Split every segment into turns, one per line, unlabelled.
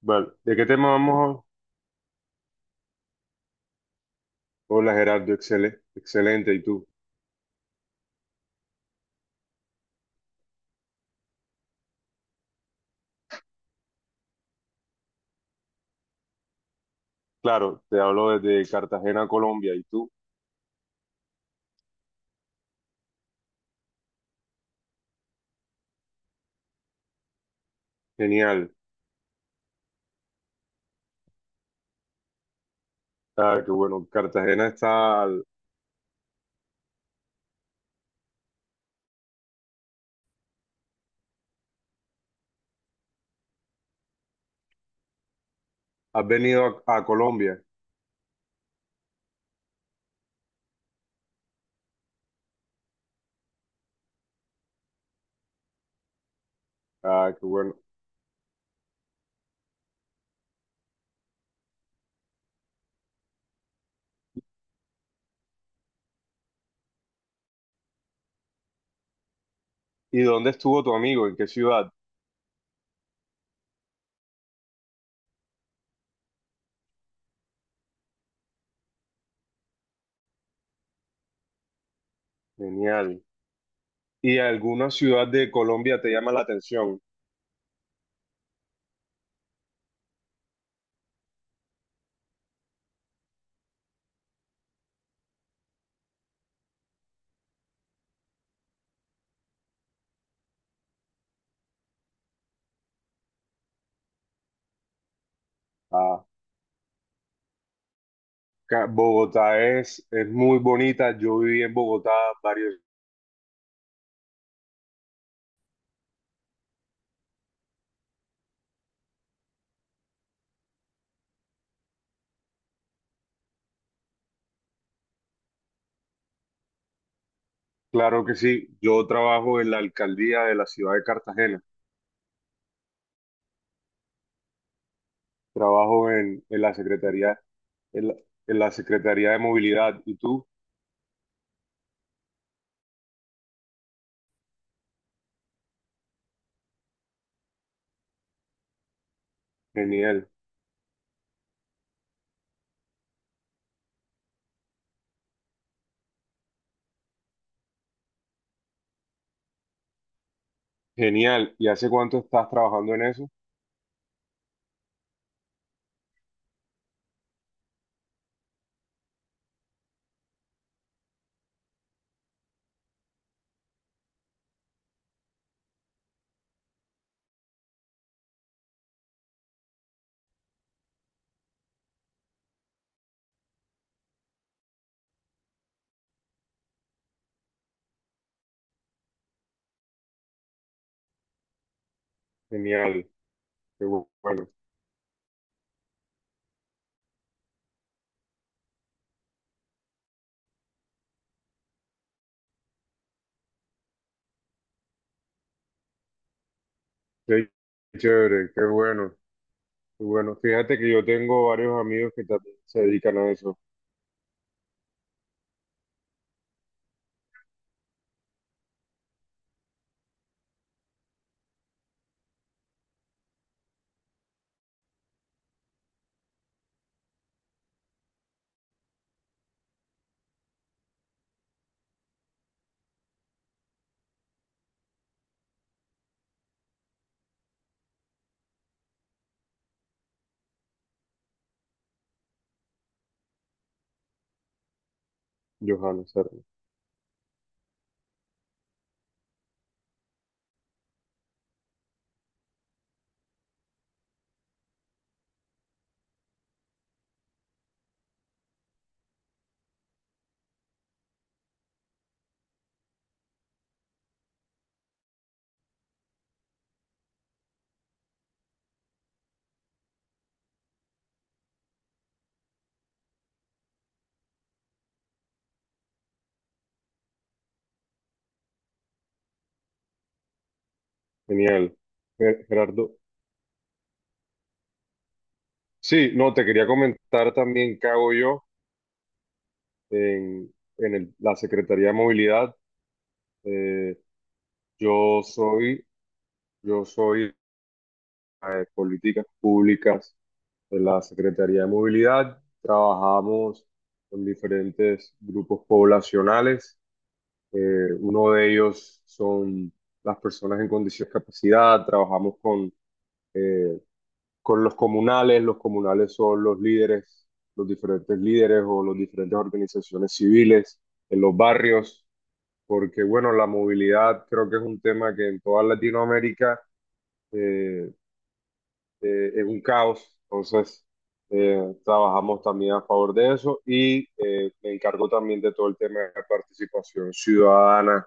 Vale, ¿de qué tema vamos? Hola Gerardo, excelente. ¿Y tú? Claro, te hablo desde Cartagena, Colombia. ¿Y tú? Genial. Ah, qué bueno. Cartagena está Has venido a Colombia. Ah, qué bueno. ¿Y dónde estuvo tu amigo? ¿En qué ciudad? Genial. ¿Y alguna ciudad de Colombia te llama la atención? Ah, Bogotá es muy bonita. Yo viví en Bogotá varios... Claro que sí. Yo trabajo en la alcaldía de la ciudad de Cartagena. Trabajo en la Secretaría, en la, en la Secretaría de Movilidad. ¿Y tú? Genial, genial. ¿Y hace cuánto estás trabajando en eso? Genial, bueno, qué chévere, qué bueno, qué bueno. Fíjate que yo tengo varios amigos que también se dedican a eso. Johanna, Sara. Genial. Gerardo. Sí, no, te quería comentar también qué hago yo la Secretaría de Movilidad. Eh, yo yo soy de políticas públicas de la Secretaría de Movilidad. Trabajamos con diferentes grupos poblacionales. Uno de ellos son las personas en condición de discapacidad. Trabajamos eh, con los comunales. Los comunales son los líderes, los diferentes líderes o las diferentes organizaciones civiles en los barrios, porque bueno, la movilidad creo que es un tema que en toda Latinoamérica eh, es un caos. Entonces, trabajamos también a favor de eso y me encargo también de todo el tema de participación ciudadana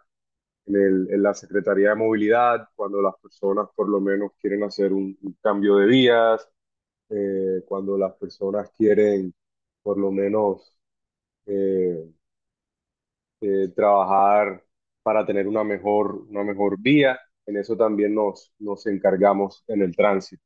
en la Secretaría de Movilidad, cuando las personas por lo menos quieren hacer un cambio de vías, cuando las personas quieren por lo menos eh, trabajar para tener una una mejor vía. En eso también nos encargamos en el tránsito.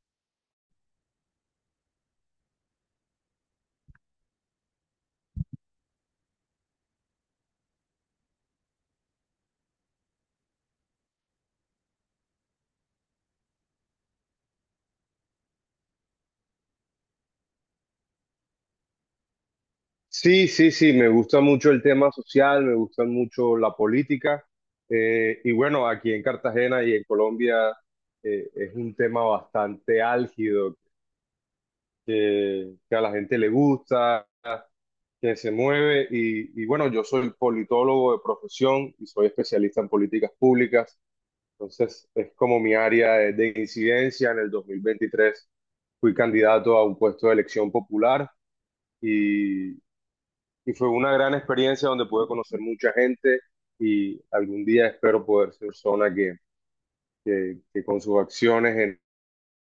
Sí, sí, sí, me gusta mucho el tema social, me gusta mucho la política. Y bueno, aquí en Cartagena y en Colombia es un tema bastante álgido, que a la gente le gusta, que se mueve. Y bueno, yo soy politólogo de profesión y soy especialista en políticas públicas. Entonces, es como mi área de incidencia. En el 2023 fui candidato a un puesto de elección popular y fue una gran experiencia donde pude conocer mucha gente y algún día espero poder ser persona que con sus acciones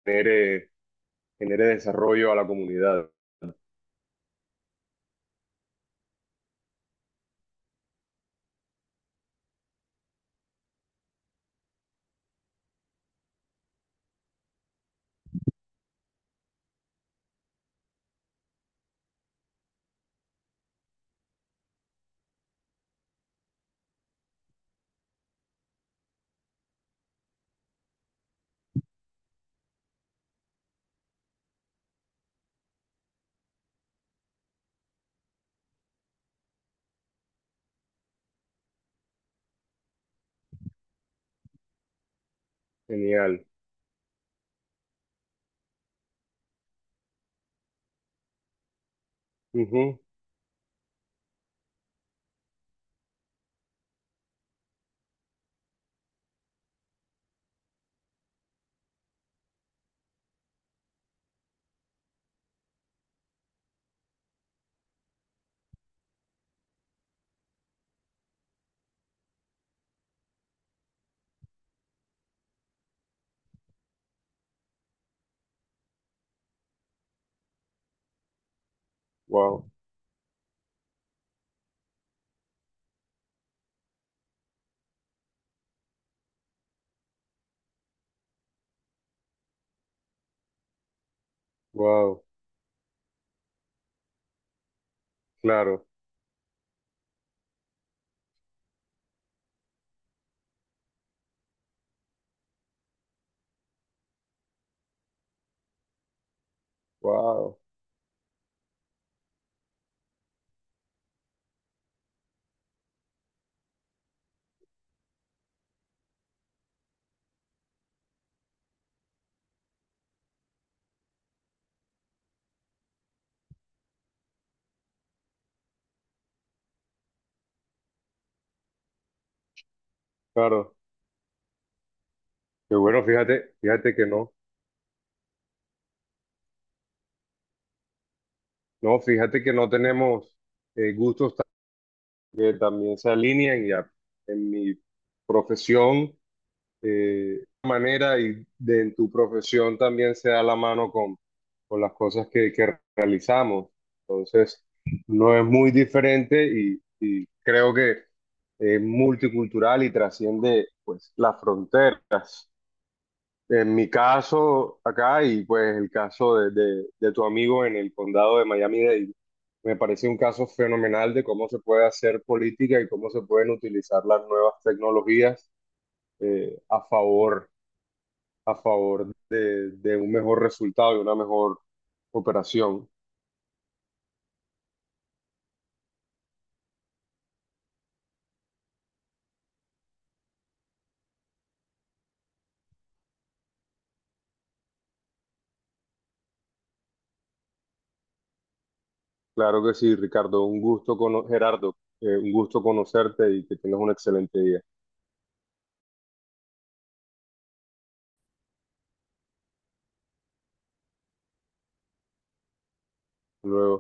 genere, genere desarrollo a la comunidad. Genial. Ujú. Wow, wow, claro, wow, claro. Pero bueno, fíjate que no, no, fíjate que no tenemos eh, gustos ta- que también se alinean ya en mi profesión. Manera y de en tu profesión también se da la mano con las cosas que realizamos. Entonces, no es muy diferente y creo que es multicultural y trasciende pues la frontera. En mi caso acá y pues el caso de tu amigo en el condado de Miami-Dade, me parece un caso fenomenal de cómo se puede hacer política y cómo se pueden utilizar las nuevas tecnologías eh, a favor a favor de un mejor resultado y una mejor operación. Claro que sí, Ricardo, un gusto Gerardo, un gusto conocerte y que tengas un excelente día. Hasta luego.